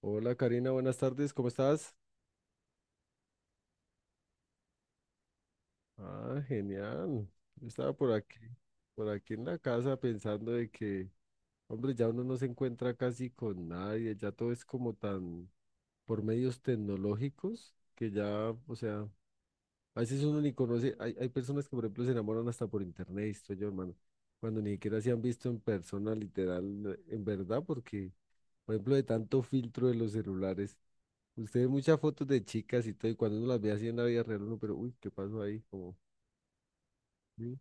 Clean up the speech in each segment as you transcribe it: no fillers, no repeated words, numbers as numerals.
Hola Karina, buenas tardes, ¿cómo estás? Ah, genial. Yo estaba por aquí en la casa pensando de que, hombre, ya uno no se encuentra casi con nadie, ya todo es como tan por medios tecnológicos que ya, o sea, a veces uno ni conoce, hay personas que por ejemplo se enamoran hasta por internet, estoy yo, hermano, cuando ni siquiera se han visto en persona, literal, en verdad, porque, por ejemplo, de tanto filtro de los celulares. Usted ve muchas fotos de chicas y todo, y cuando uno las ve así en la vida real, uno, pero uy, ¿qué pasó ahí? Como, ¿sí?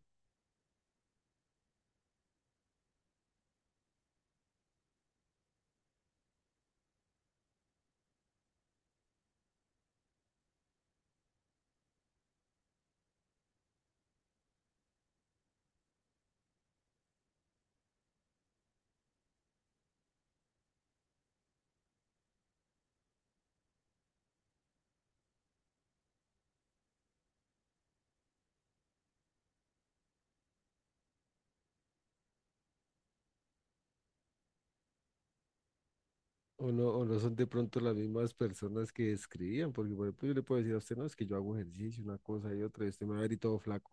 O no son de pronto las mismas personas que escribían, porque por ejemplo yo le puedo decir a usted, no, es que yo hago ejercicio, una cosa y otra, y usted me va a ver y todo flaco.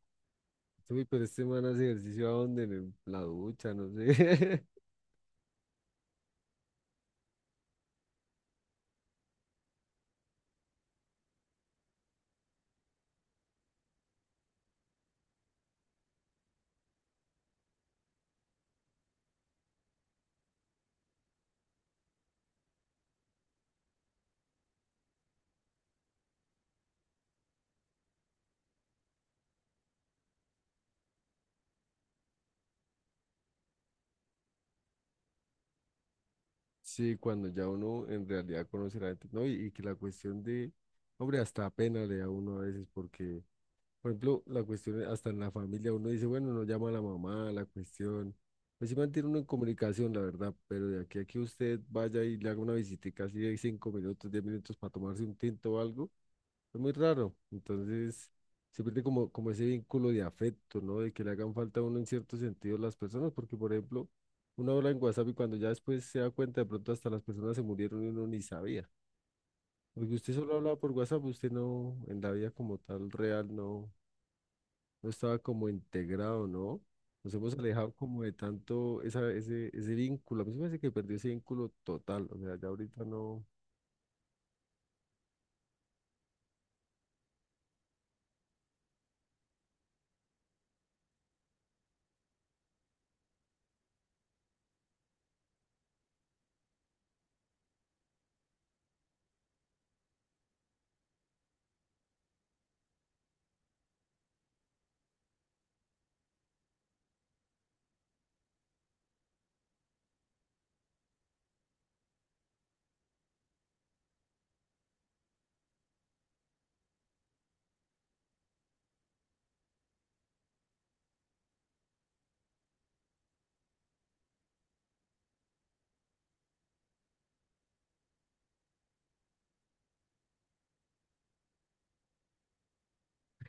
Sí, uy, pero este man hace ejercicio a dónde, la ducha, no sé. Sí, cuando ya uno en realidad conoce a la gente, ¿no? Y que la cuestión de, hombre, hasta pena le da a uno a veces, porque, por ejemplo, la cuestión, hasta en la familia, uno dice, bueno, no llama a la mamá, la cuestión. Pues sí mantiene uno en comunicación, la verdad, pero de aquí a que usted vaya y le haga una visitica así de cinco minutos, diez minutos para tomarse un tinto o algo, es muy raro. Entonces, se pierde como ese vínculo de afecto, ¿no? De que le hagan falta a uno en cierto sentido las personas, porque, por ejemplo, uno habla en WhatsApp y cuando ya después se da cuenta, de pronto hasta las personas se murieron y uno ni sabía. Porque usted solo hablaba por WhatsApp, usted no, en la vida como tal real, no, no estaba como integrado, ¿no? Nos hemos alejado como de tanto esa, ese vínculo. A mí se me hace que perdió ese vínculo total. O sea, ya ahorita no.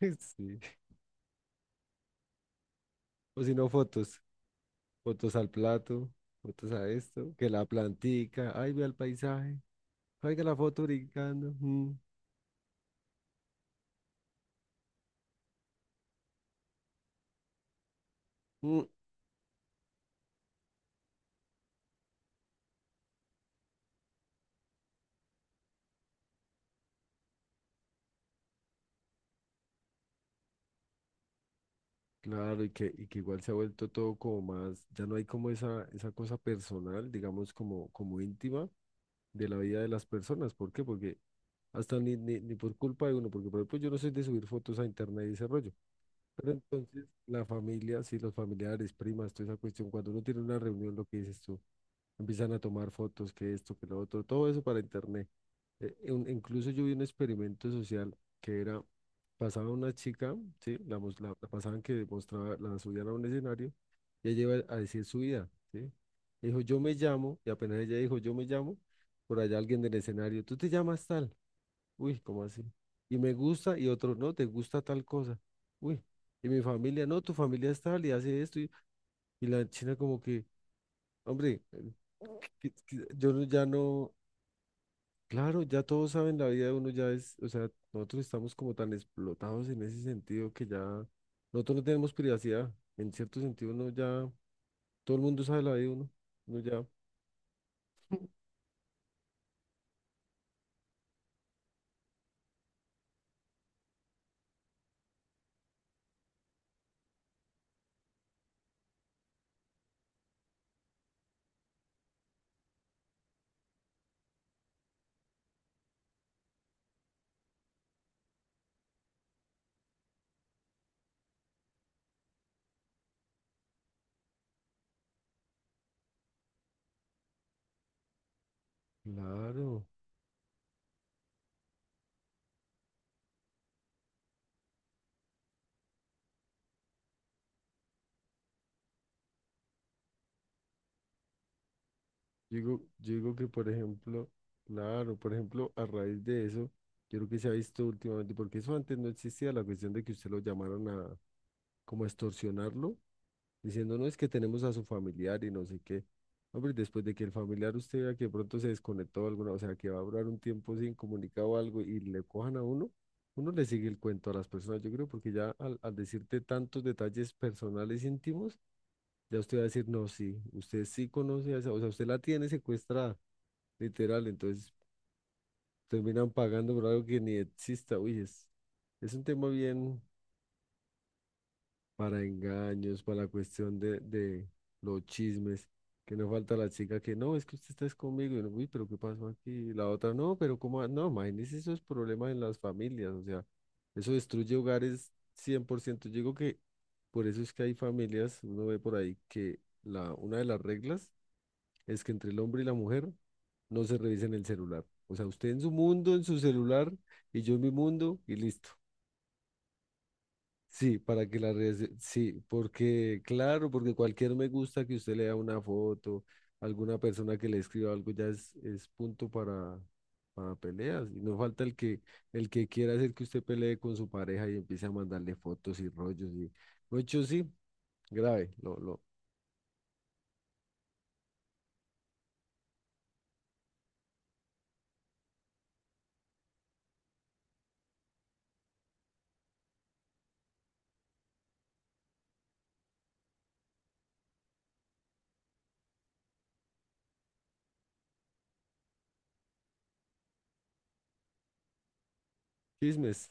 Sí. O si no, fotos. Fotos al plato, fotos a esto, que la plantica. Ay, vea el paisaje. Oiga la foto brincando. Mm, mm. Claro, y que igual se ha vuelto todo como más, ya no hay como esa cosa personal, digamos, como, como íntima de la vida de las personas. ¿Por qué? Porque hasta ni por culpa de uno, porque por ejemplo yo no soy de subir fotos a internet y ese rollo, pero entonces la familia, sí, los familiares, primas, toda esa cuestión, cuando uno tiene una reunión, lo que dices tú, empiezan a tomar fotos, que esto, que lo otro, todo eso para internet. Incluso yo vi un experimento social que era, pasaba una chica, sí, la pasaban que mostraba, la subían a un escenario y ella iba a decir su vida, sí. Dijo, yo me llamo, y apenas ella dijo, yo me llamo, por allá alguien del escenario, tú te llamas tal. Uy, ¿cómo así? Y me gusta y otro no, te gusta tal cosa. Uy, y mi familia, no, tu familia es tal y hace esto. Y la china como que, hombre, que yo ya no, claro, ya todos saben la vida de uno, ya es, o sea, nosotros estamos como tan explotados en ese sentido que ya, nosotros no tenemos privacidad. En cierto sentido, uno ya, todo el mundo sabe la vida de uno. Uno ya, claro. Yo digo que, por ejemplo, claro, por ejemplo, a raíz de eso, yo creo que se ha visto últimamente, porque eso antes no existía, la cuestión de que usted lo llamaran a como a extorsionarlo, diciendo, no, es que tenemos a su familiar y no sé qué. Hombre, después de que el familiar usted vea que de pronto se desconectó alguna, o sea, que va a durar un tiempo sin comunicado o algo y le cojan a uno, uno le sigue el cuento a las personas, yo creo, porque ya al decirte tantos detalles personales íntimos, ya usted va a decir, no, sí, usted sí conoce a esa, o sea, usted la tiene secuestrada literal, entonces terminan pagando por algo que ni exista. Uy, es un tema bien para engaños, para la cuestión de, los chismes, que no falta la chica que no, es que usted está conmigo, y uno, uy, pero ¿qué pasó aquí? Y la otra, no, pero ¿cómo? Va-?". No, imagínese esos problemas en las familias, o sea, eso destruye hogares 100%. Yo digo que por eso es que hay familias, uno ve por ahí que la, una de las reglas es que entre el hombre y la mujer no se revisen el celular. O sea, usted en su mundo, en su celular, y yo en mi mundo, y listo. Sí, para que la red, sí, porque claro, porque cualquier me gusta que usted lea una foto, alguna persona que le escriba algo ya es punto para peleas. Y no falta el que quiera hacer que usted pelee con su pareja y empiece a mandarle fotos y rollos y mucho sí, grave, chismes.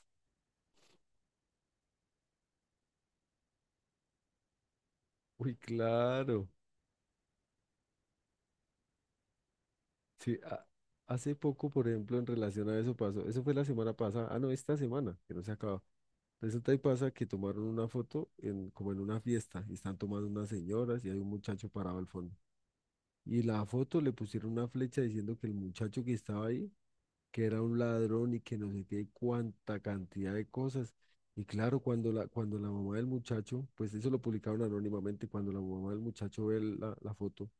Uy, claro. Sí, hace poco, por ejemplo, en relación a eso pasó, eso fue la semana pasada, ah, no, esta semana, que no se acaba. Resulta y pasa que tomaron una foto en, como en una fiesta, y están tomando unas señoras y hay un muchacho parado al fondo. Y la foto le pusieron una flecha diciendo que el muchacho que estaba ahí, que era un ladrón y que no sé qué, cuánta cantidad de cosas. Y claro, cuando la mamá del muchacho, pues eso lo publicaron anónimamente, cuando la mamá del muchacho ve la foto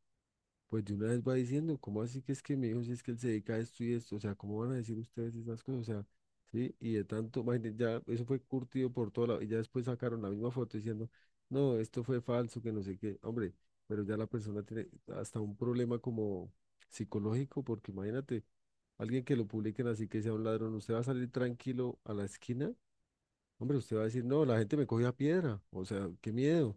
pues de una vez va diciendo, ¿cómo así que es que mi hijo, si es que él se dedica a esto y esto? O sea, ¿cómo van a decir ustedes esas cosas? O sea, sí, y de tanto, imagínate, ya eso fue curtido por todo lado, y ya después sacaron la misma foto diciendo, no, esto fue falso, que no sé qué. Hombre, pero ya la persona tiene hasta un problema como psicológico, porque imagínate, alguien que lo publiquen así que sea un ladrón, usted va a salir tranquilo a la esquina, hombre, usted va a decir, no, la gente me cogió a piedra, o sea, qué miedo.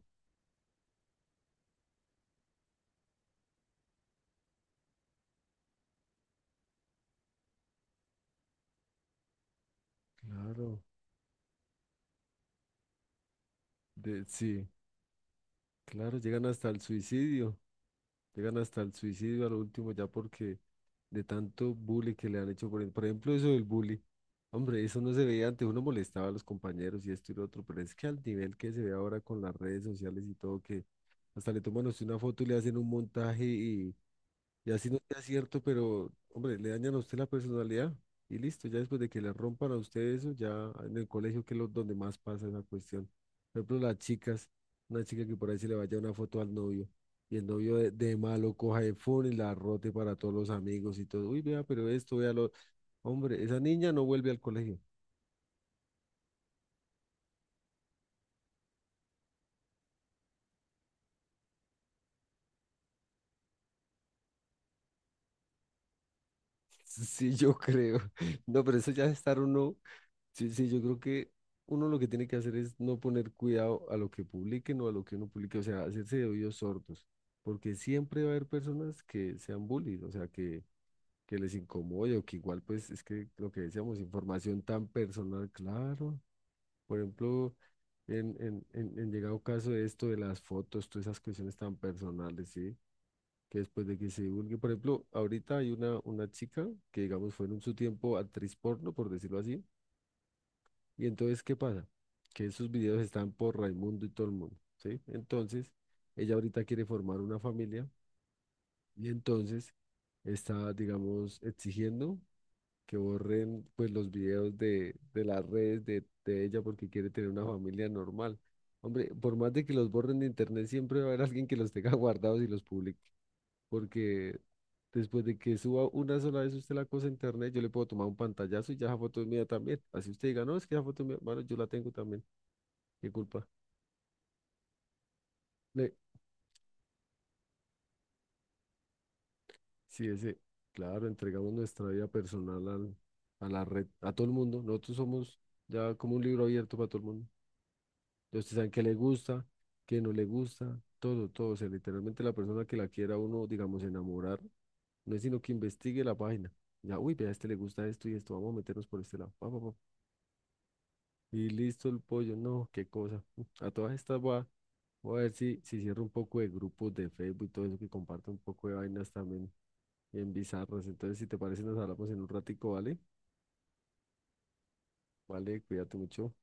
Claro, sí, claro, llegan hasta el suicidio. Llegan hasta el suicidio a lo último ya porque de tanto bullying que le han hecho. Por ejemplo, eso del bullying. Hombre, eso no se veía antes. Uno molestaba a los compañeros y esto y lo otro, pero es que al nivel que se ve ahora con las redes sociales y todo, que hasta le toman a usted una foto y le hacen un montaje y así no sea cierto, pero, hombre, le dañan a usted la personalidad y listo. Ya después de que le rompan a usted eso, ya en el colegio que es lo- donde más pasa esa cuestión. Por ejemplo, las chicas, una chica que por ahí se le vaya una foto al novio y el novio de, malo coja el phone y la rote para todos los amigos y todo. Uy, vea, pero esto, vea lo... Hombre, esa niña no vuelve al colegio. Sí, yo creo. No, pero eso ya es estar uno. Sí, sí, yo creo que uno lo que tiene que hacer es no poner cuidado a lo que publiquen o a lo que uno publique, o sea, hacerse de oídos sordos, porque siempre va a haber personas que sean bullies, o sea, que les incomode o que igual, pues, es que lo que decíamos, información tan personal, claro. Por ejemplo, en llegado caso de esto de las fotos, todas esas cuestiones tan personales, ¿sí? Que después de que se divulgue, por ejemplo, ahorita hay una, chica que, digamos, fue en su tiempo actriz porno, por decirlo así y entonces, ¿qué pasa? Que esos videos están por Raimundo y todo el mundo, ¿sí? Entonces, ella ahorita quiere formar una familia y entonces está, digamos, exigiendo que borren pues los videos de, las redes de, ella porque quiere tener una familia normal. Hombre, por más de que los borren de internet, siempre va a haber alguien que los tenga guardados y los publique, porque después de que suba una sola vez usted la cosa a internet, yo le puedo tomar un pantallazo y ya esa foto es mía también. Así usted diga, no, es que esa foto es mía, bueno, yo la tengo también. ¿Qué culpa? Le, sí, ese, claro, entregamos nuestra vida personal al- a la red, a todo el mundo. Nosotros somos ya como un libro abierto para todo el mundo. Ya ustedes saben qué le gusta, qué no le gusta, todo, todo. O sea, literalmente la persona que la quiera uno, digamos, enamorar, no es sino que investigue la página. Ya, uy, vea, a este le gusta esto y esto, vamos a meternos por este lado. Pa, pa, pa. Y listo el pollo, no, qué cosa. A todas estas voy a ver si cierro un poco de grupos de Facebook y todo eso que comparto un poco de vainas también bien bizarros. Entonces, si te parece, nos hablamos en un ratico, ¿vale? Vale, cuídate mucho.